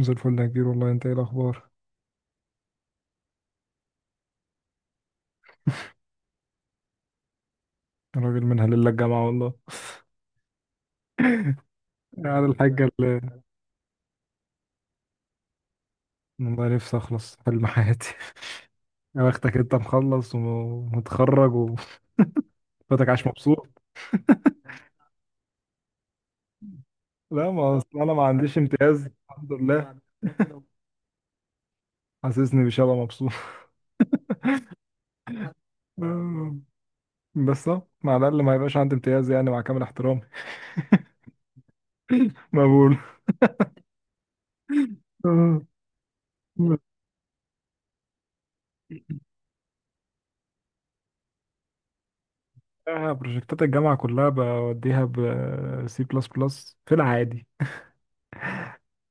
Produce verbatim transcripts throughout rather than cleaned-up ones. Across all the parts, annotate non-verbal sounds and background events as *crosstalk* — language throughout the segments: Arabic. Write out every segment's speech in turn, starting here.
زي الفل يا كبير، والله انت ايه الاخبار؟ الراجل منها لله الجامعه والله. على الحاجه اللي، والله نفسي اخلص حلم حياتي. *laughs* يا بختك انت مخلص ومتخرج وفتك. عاش مبسوط. لا، ما اصل انا ما عنديش امتياز الحمد لله. *laughs* حاسسني بشبه مبسوط. آه، بس اه مع الاقل ما يبقاش عندي امتياز، يعني مع كامل احترامي. *laughs* مقبول. آه. آه، بروجكتات الجامعه كلها بوديها ب سي بلس بلس في العادي.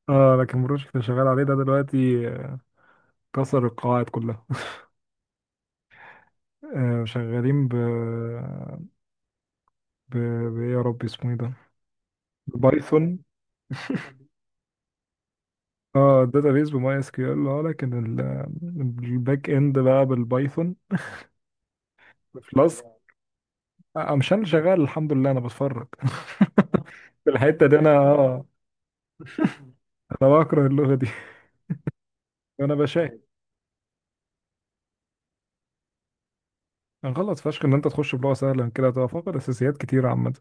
اه، لكن البروجكت اللي شغال عليه ده دلوقتي كسر القواعد كلها. آه، شغالين ب ب ب- إيه يا رب اسمه ايه ده؟ بايثون. اه، بيز بماي اس كيو ال. اه لكن ال- الباك اند بقى بالبايثون. فلاسك. آه، مش انا اللي شغال الحمد لله، انا بتفرج. *laughs* في الحته دي انا، اه، انا بكره اللغه دي. انا بشاهد، انا غلط فشخ ان انت تخش بلغه سهله. من كده هتبقى فاقد اساسيات كتير عامه،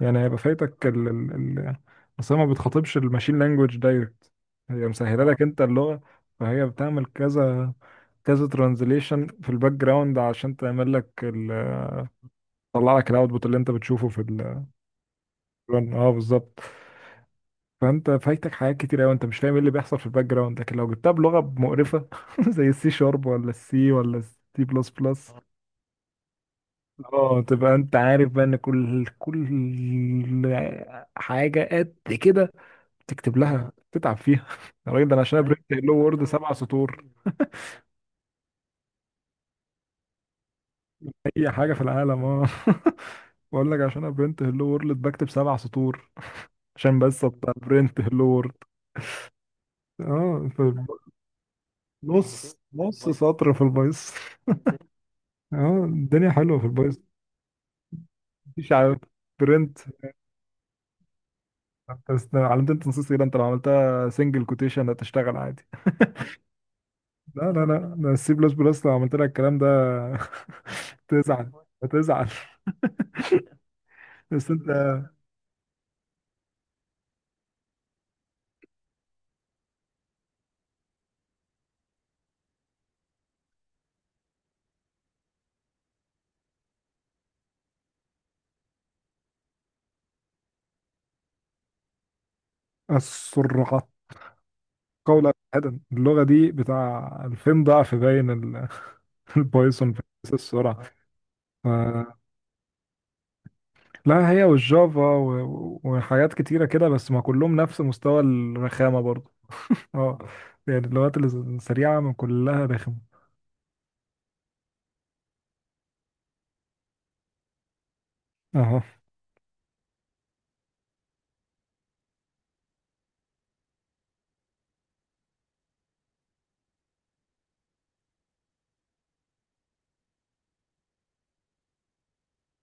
يعني هيبقى فايتك ال ال ال اصل هي ما بتخاطبش الماشين لانجوج دايركت، هي مسهله لك انت اللغه. فهي بتعمل كذا كذا ترانزليشن في الباك جراوند عشان تعمل لك ال- تطلع لك الاوتبوت اللي انت بتشوفه في الرن. اه، بالظبط. فانت فايتك حاجات كتير قوي، انت مش فاهم ايه اللي بيحصل في الباك جراوند. لكن لو جبتها بلغه مقرفه *laughs* زي السي شارب، ولا السي، ولا السي بلس بلس، اه تبقى انت عارف بقى ان كل كل حاجه قد كده تكتب لها تتعب فيها. *laughs* يا راجل، ده انا عشان أيوة. ابرنت هلو وورد سبع سطور. اي حاجه في العالم، اه. *laughs* بقول لك عشان ابرنت هلو وورد بكتب سبع سطور، عشان بس ابرنت هلو وورد. اه، في الب- نص نص سطر في البايثون. اه، الدنيا حلوه في البايثون. مفيش، عارف؟ برنت. انت است- علامة التنصيص كده انت لو عملتها سنجل كوتيشن هتشتغل عادي. لا لا لا ده السي بلس بلس لو عملت لك الكلام ده *laughs* تزعل. هتزعل. بس انت، السرعة قولا واحدا، اللغة دي بتاع ألفين ضعف باين ال- *laughs* البايثون في نفس السرعة. ف- لا، هي والجافا و- وحاجات كتيرة كده. بس ما كلهم نفس مستوى الرخامة برضو. اه، يعني اللغات الس- السريعة من كلها رخمة. اهو.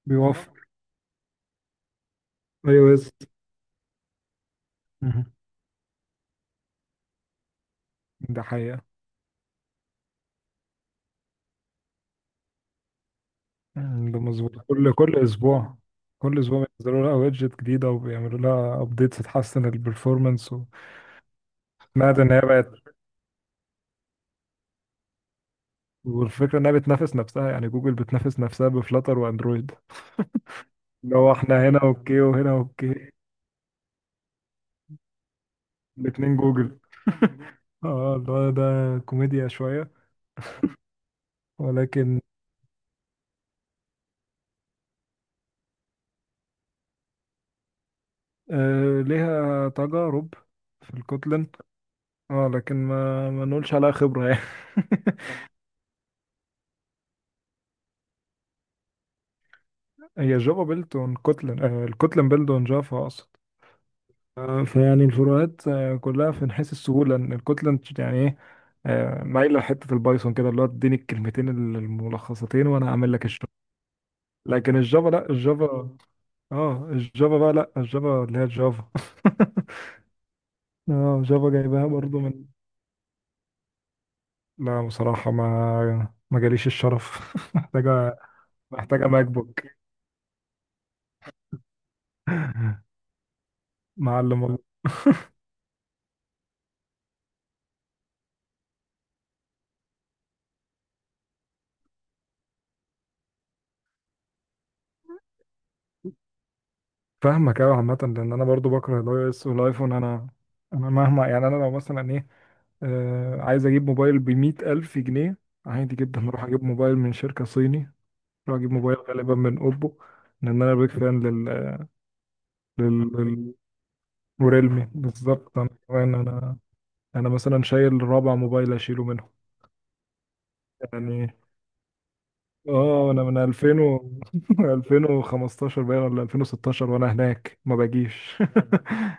بيوفر. اي او اس. ده حقيقة. مم، ده مظبوط. كل كل اسبوع، كل اسبوع بينزلوا لها ويدجت جديدة وبيعملوا لها ابديتس تحسن البرفورمانس. سمعت ان هي بقت، والفكرة انها بتنافس نفسها، يعني جوجل بتنافس نفسها بفلاتر واندرويد، اللي هو احنا هنا اوكي وهنا اوكي. الاتنين جوجل، اه اللي هو ده كوميديا شوية، ولكن. آه، ليها تجارب في الكوتلن. اه لكن ما ما نقولش عليها خبرة يعني. *laughs* هي جافا بيلد اون كوتلن، آه الكوتلن بيلد اون جافا اقصد. آه، فيعني الفروقات آه كلها في حيث السهولة، ان الكوتلن يعني ايه، آه، مايله لحته البايثون كده، اللي هو اديني الكلمتين الملخصتين وانا اعمل لك. لكن الجافا، لا الجافا، اه الجافا بقى، لا الجافا اللي هي الجافا. *laughs* اه، جافا جايبها برضو من. لا بصراحة، ما ما جاليش الشرف. *laughs* محتاجة، محتاجة ماك بوك. معلم والله. فاهمك أوي عامة، لأن أنا برضو بكره الأي إس والأيفون. أنا، أنا مهما، يعني أنا لو مثلا إيه، آه عايز أجيب موبايل بمية ألف جنيه، عادي جدا أروح أجيب موبايل من شركة صيني. أروح أجيب موبايل غالبا من أوبو، لأن أنا بيك فان لل... لل... وريلمي بالظبط. انا كمان انا، انا مثلا شايل رابع موبايل اشيله منهم يعني. اه، انا من ألفين و *laughs* ألفين وخمستاشر باين ولا ألفين وستاشر، وانا هناك ما باجيش. *laughs*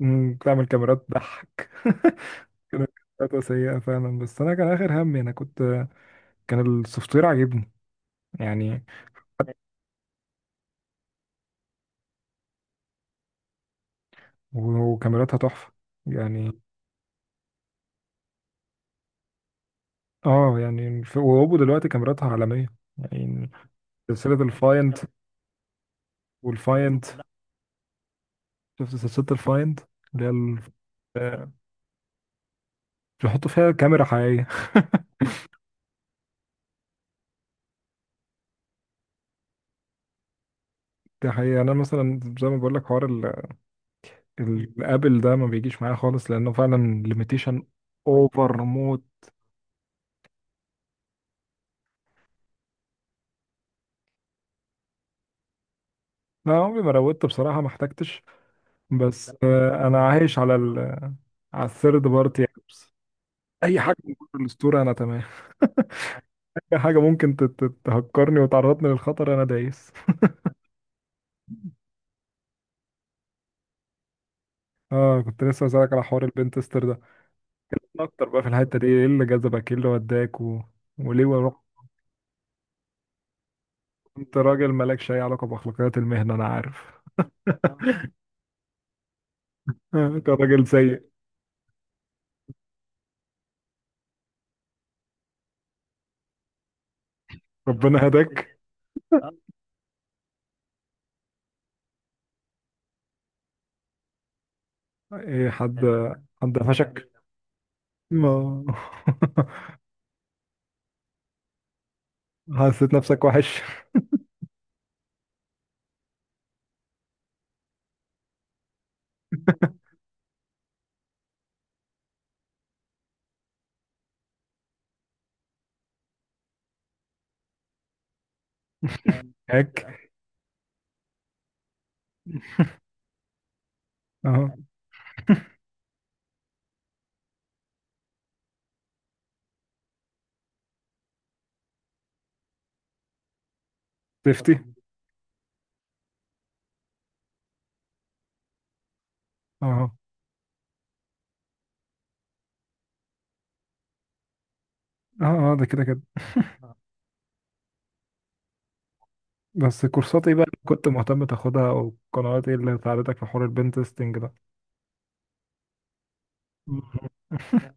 أمم. *laughs* بتعمل كاميرات ضحك. *laughs* كانت فترة سيئة فعلا. بس أنا كان آخر همي، أنا كنت، كان السوفت وير عاجبني يعني. و- وكاميراتها تحفة يعني. اه، يعني ف- وهوبو دلوقتي كاميراتها عالمية يعني. سلسلة الفايند، والفايند. شفت سلسلة الفايند؟ اللي هي ال-، آه، بيحطوا فيها كاميرا حقيقية. *laughs* دي حقيقة يعني. أنا مثلا زي ما بقول لك حوار ال- ال- الآبل ده ما بيجيش معايا خالص، لأنه فعلا ليميتيشن أوفر موت. لا، عمري ما روضت بصراحة، ما احتجتش. بس آه، أنا عايش على ال على الثيرد بارتي أبس. أي حاجة من كتر الأسطورة أنا تمام. *laughs* أي حاجة ممكن ت- ت- تهكرني وتعرضني للخطر أنا دايس. أه، كنت لسه بسألك على حوار البنتستر ده. أكتر بقى في الحتة دي، إيه اللي جذبك، إيه اللي وداك و... وليه؟ انت راجل مالكش اي علاقة بأخلاقيات المهنة انا عارف. *laughs* انت راجل سيء. ربنا هداك. *laughs* ايه، حد، حد قفشك؟ ما. *laughs* حسيت نفسك وحش؟ هيك. اهو. شفتي. اهو. اه اه، ده كده كده. بس كورسات ايه بقى اللي كنت مهتم تاخدها، او قنوات ايه اللي ساعدتك في حوار البنت تيستنج ده؟ *laughs*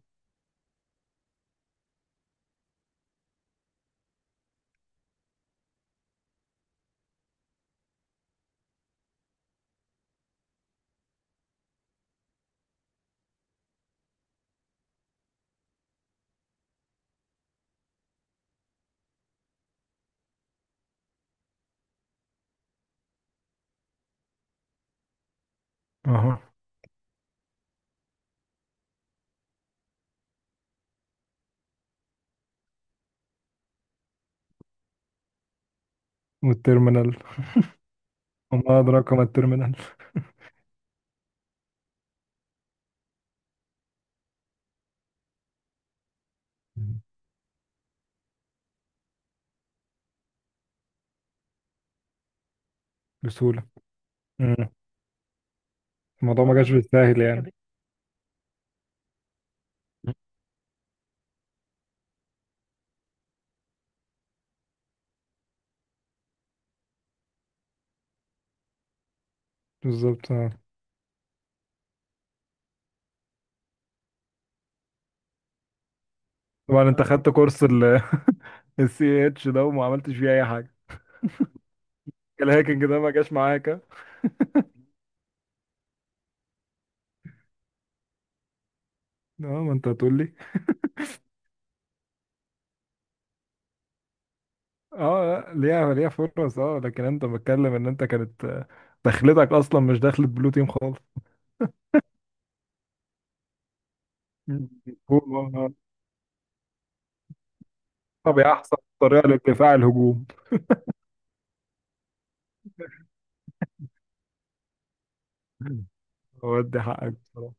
اهو. والترمينال. وما ادراك ما الترمينال. بسهولة. مم. الموضوع ما جاش بالساهل يعني. بالظبط، اه. طبعا انت خدت كورس السي إيه اتش ده وما عملتش فيه اي حاجه. الهاكينج ده ما جاش معاك اه. ما انت هتقول لي. اه لا، ليها ليها فرص. اه لكن انت بتكلم ان انت كانت آه، دخلتك اصلا مش دخلت بلو تيم خالص. مم. هجوم، آه. طب يا احسن طريقه للدفاع الهجوم. مم. ودي حقك بصراحه.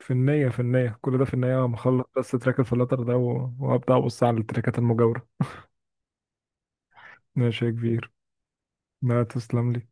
في النية، في النية، كل ده في النية. ما اخلص بس تراك الفلاتر ده و- وابدا ابص على التراكات المجاورة. ماشي يا كبير. ما تسلم لي.